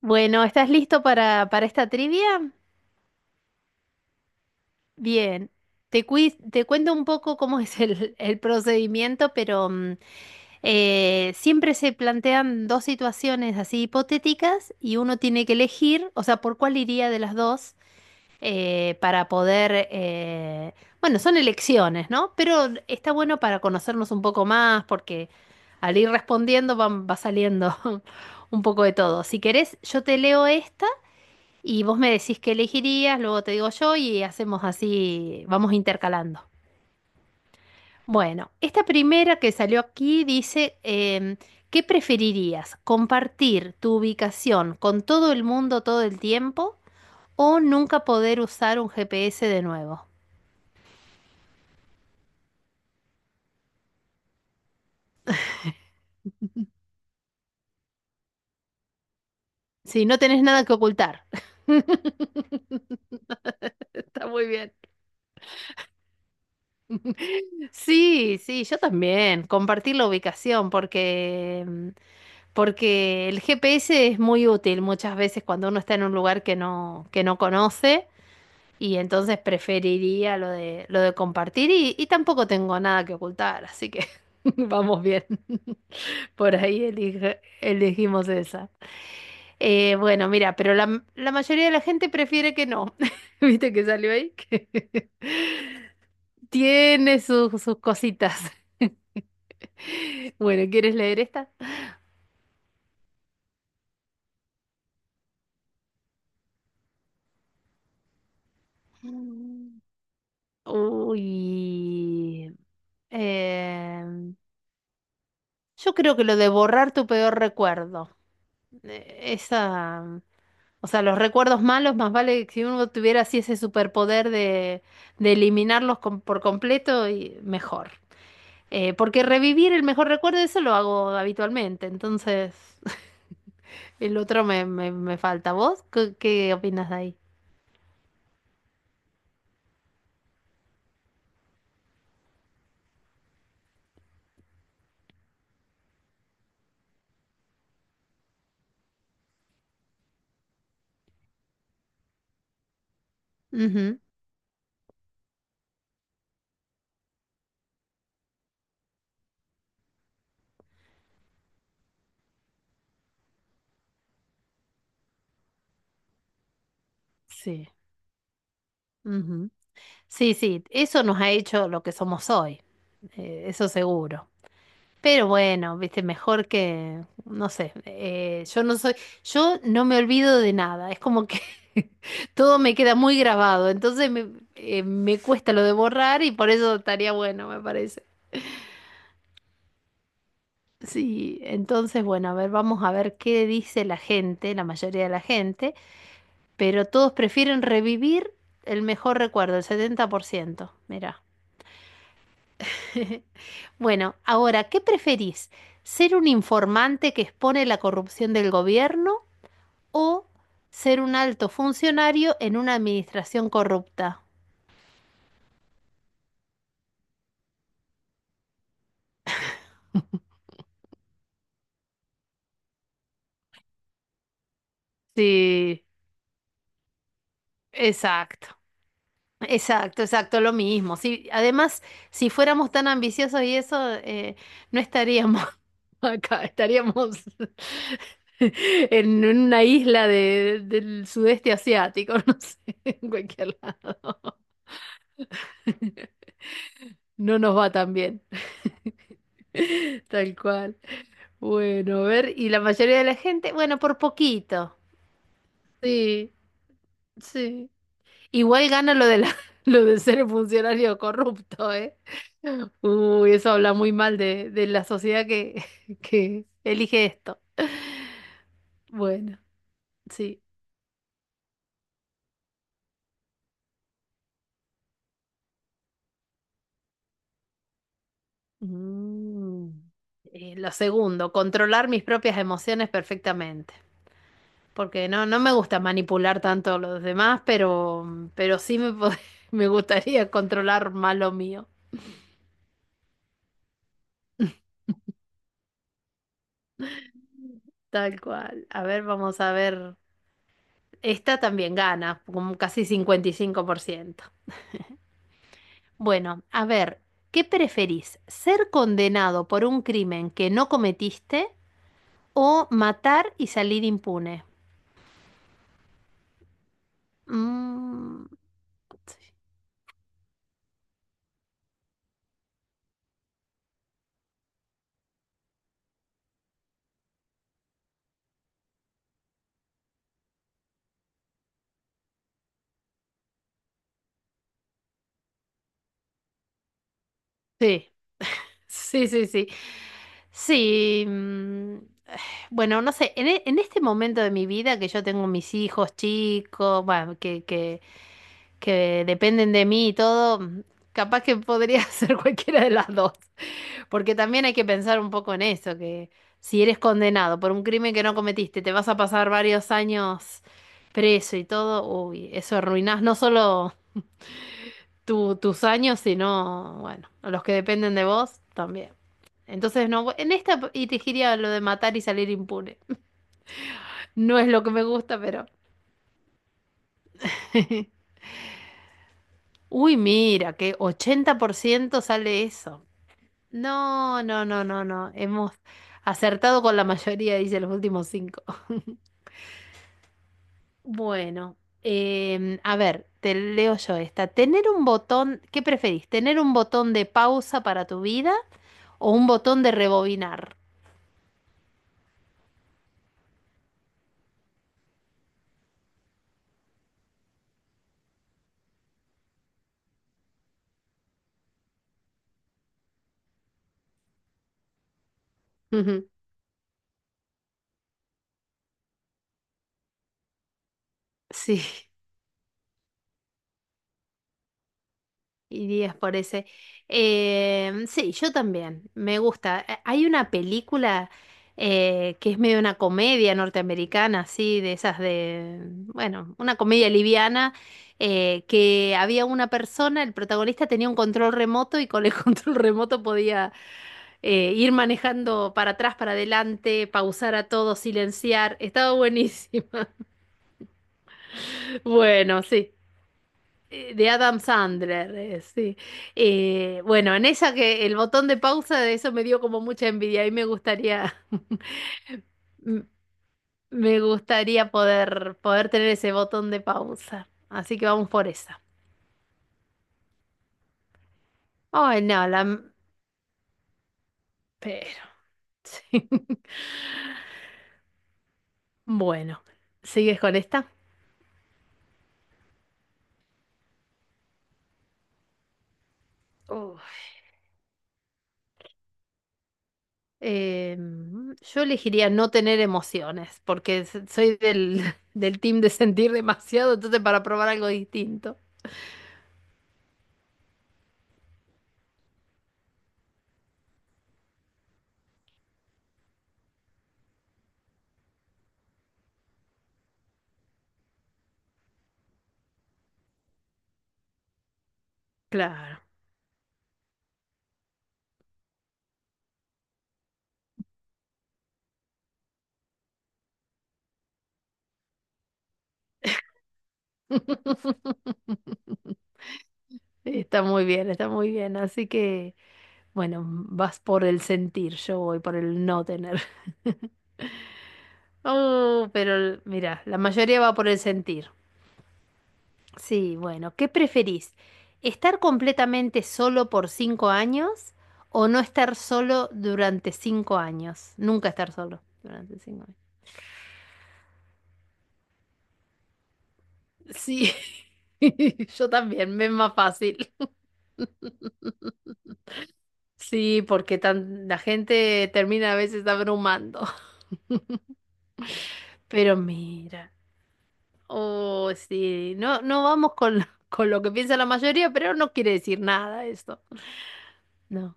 Bueno, ¿estás listo para esta trivia? Bien. Te cuento un poco cómo es el procedimiento, pero siempre se plantean dos situaciones así hipotéticas y uno tiene que elegir, o sea, por cuál iría de las dos para poder, bueno, son elecciones, ¿no? Pero está bueno para conocernos un poco más porque al ir respondiendo va saliendo un poco de todo. Si querés, yo te leo esta. Y vos me decís qué elegirías, luego te digo yo y hacemos así, vamos intercalando. Bueno, esta primera que salió aquí dice, ¿qué preferirías? ¿Compartir tu ubicación con todo el mundo todo el tiempo o nunca poder usar un GPS de nuevo? Si no tenés nada que ocultar. Está muy bien. Sí, sí, yo también. Compartir la ubicación porque, porque el GPS es muy útil muchas veces cuando uno está en un lugar que no conoce y entonces preferiría lo de compartir y tampoco tengo nada que ocultar, así que vamos bien. Por ahí elegimos esa. Bueno, mira, pero la mayoría de la gente prefiere que no. ¿Viste que salió ahí? Que tiene sus cositas. Bueno, ¿quieres leer esta? Mm. Uy. em, yo creo que lo de borrar tu peor recuerdo. Esa. O sea, los recuerdos malos, más vale que si uno tuviera así ese superpoder de eliminarlos por completo, y mejor. Porque revivir el mejor recuerdo, eso lo hago habitualmente. Entonces, el otro me falta. ¿Vos qué opinas de ahí? Ujú. Sí. Sí, sí, eso nos ha hecho lo que somos hoy, eso seguro. Pero bueno, viste, mejor que, no sé, yo no me olvido de nada, es como que todo me queda muy grabado, entonces me cuesta lo de borrar y por eso estaría bueno, me parece. Sí, entonces bueno, a ver, vamos a ver qué dice la gente, la mayoría de la gente, pero todos prefieren revivir el mejor recuerdo, el 70%. Mira. Bueno, ahora, ¿qué preferís? ¿Ser un informante que expone la corrupción del gobierno o ser un alto funcionario en una administración corrupta? Sí, exacto. Exacto, exacto, lo mismo. Sí, además, si fuéramos tan ambiciosos y eso, no estaríamos acá, estaríamos en una isla del sudeste asiático, no sé, en cualquier lado. No nos va tan bien. Tal cual. Bueno, a ver, y la mayoría de la gente, bueno, por poquito. Sí, sí. Igual gana lo de lo de ser funcionario corrupto, ¿eh? Uy, eso habla muy mal de la sociedad que, que elige esto. Bueno, sí. Mm. Lo segundo, controlar mis propias emociones perfectamente. Porque no, no me gusta manipular tanto a los demás, pero sí me gustaría controlar más lo mío. Tal cual. A ver, vamos a ver. Esta también gana, como casi 55%. Bueno, a ver, ¿qué preferís? ¿Ser condenado por un crimen que no cometiste o matar y salir impune? Mm, Sí, sí, sí, sí. Sí, bueno, no sé, en este momento de mi vida que yo tengo mis hijos chicos, bueno, que dependen de mí y todo, capaz que podría ser cualquiera de las dos, porque también hay que pensar un poco en eso, que si eres condenado por un crimen que no cometiste, te vas a pasar varios años preso y todo, uy, eso arruinás no solo tus años, sino, bueno, los que dependen de vos también. Entonces, no, en esta elegiría lo de matar y salir impune. No es lo que me gusta, pero. Uy, mira, que 80% sale eso. No, no, no, no, no. Hemos acertado con la mayoría, dice los últimos cinco. Bueno, a ver, te leo yo esta. Tener un botón, ¿qué preferís? ¿Tener un botón de pausa para tu vida o un botón de rebobinar? Sí. Irías por ese. Sí, yo también. Me gusta. Hay una película que es medio una comedia norteamericana, así, de esas de, bueno, una comedia liviana, que había una persona, el protagonista tenía un control remoto y con el control remoto podía, ir manejando para atrás, para adelante, pausar a todo, silenciar. Estaba buenísima. Bueno, sí. De Adam Sandler, sí. Bueno, en esa que el botón de pausa de eso me dio como mucha envidia y me gustaría, m- me gustaría poder tener ese botón de pausa. Así que vamos por esa. Ay, no, Pero, sí. Bueno, ¿sigues con esta? Uf. Eh, yo elegiría no tener emociones, porque soy del, del team de sentir demasiado, entonces para probar algo distinto. Claro. Está muy bien, está muy bien. Así que, bueno, vas por el sentir, yo voy por el no tener. Oh, pero mira, la mayoría va por el sentir. Sí, bueno, ¿qué preferís? ¿Estar completamente solo por 5 años o no estar solo durante 5 años? Nunca estar solo durante 5 años. Sí, yo también, me es más fácil. Sí, porque la gente termina a veces abrumando. Pero mira, oh, sí, no, no vamos con, con lo que piensa la mayoría, pero no quiere decir nada esto. No.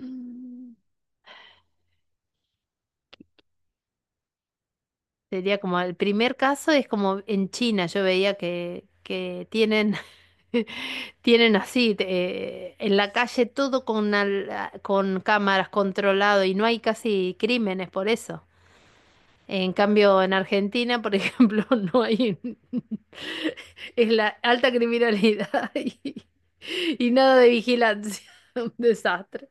Mm, Sería como el primer caso es como en China, yo veía que tienen, tienen así, en la calle todo con cámaras controlado y no hay casi crímenes por eso. En cambio, en Argentina, por ejemplo, no hay... Es la alta criminalidad y nada de vigilancia. Un desastre.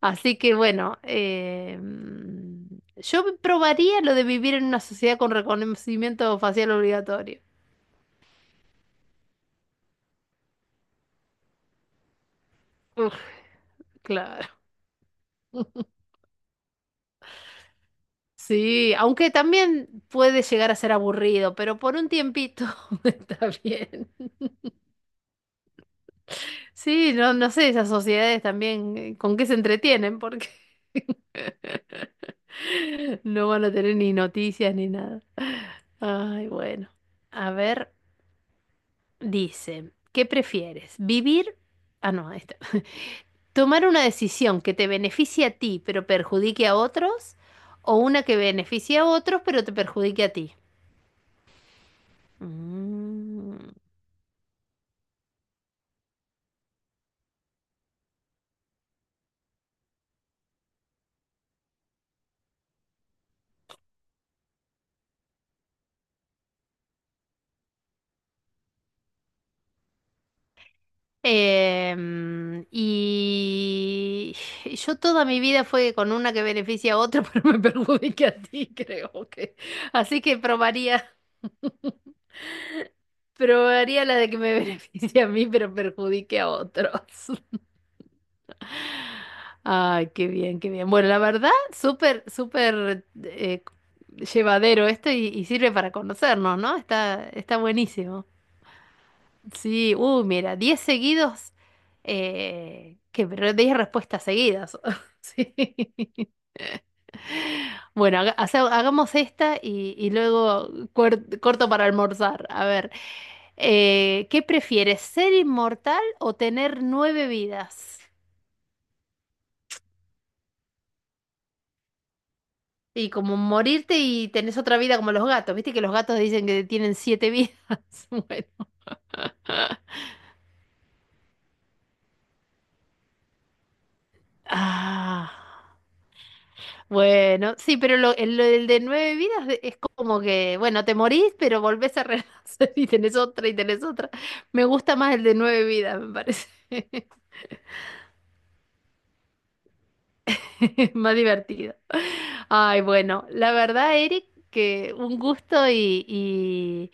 Así que bueno, yo probaría lo de vivir en una sociedad con reconocimiento facial obligatorio. Uf, claro. Sí, aunque también puede llegar a ser aburrido, pero por un tiempito está bien. Sí, no, no sé, esas sociedades también, ¿con qué se entretienen? Porque no van a tener ni noticias ni nada. Ay, bueno. A ver, dice, ¿qué prefieres? ¿Vivir? Ah, no, ahí está. ¿Tomar una decisión que te beneficie a ti pero perjudique a otros? ¿O una que beneficie a otros pero te perjudique a ti? Mm. Y yo toda mi vida fue con una que beneficia a otra, pero me perjudica a ti, creo que. Así que probaría, probaría la de que me beneficie a mí, pero perjudique a otros. Ay, qué bien, qué bien. Bueno, la verdad, súper, súper, llevadero esto y sirve para conocernos, ¿no? Está buenísimo. Sí, mira, 10 seguidos, que pero 10 respuestas seguidas. Sí. Bueno, hagamos esta y luego corto para almorzar. A ver, ¿qué prefieres, ser inmortal o tener nueve vidas? Y como morirte y tenés otra vida como los gatos, viste que los gatos dicen que tienen siete vidas. Bueno. Ah. Bueno, sí, pero lo, el de nueve vidas es como que, bueno, te morís, pero volvés a renacer y tenés otra y tenés otra. Me gusta más el de nueve vidas, me parece. Más divertido. Ay, bueno, la verdad, Eric, que un gusto y, y,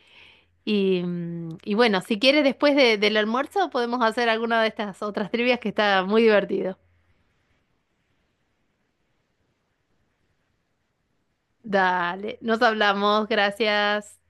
y, mm, y bueno, si quieres después del almuerzo podemos hacer alguna de estas otras trivias que está muy divertido. Dale, nos hablamos, gracias.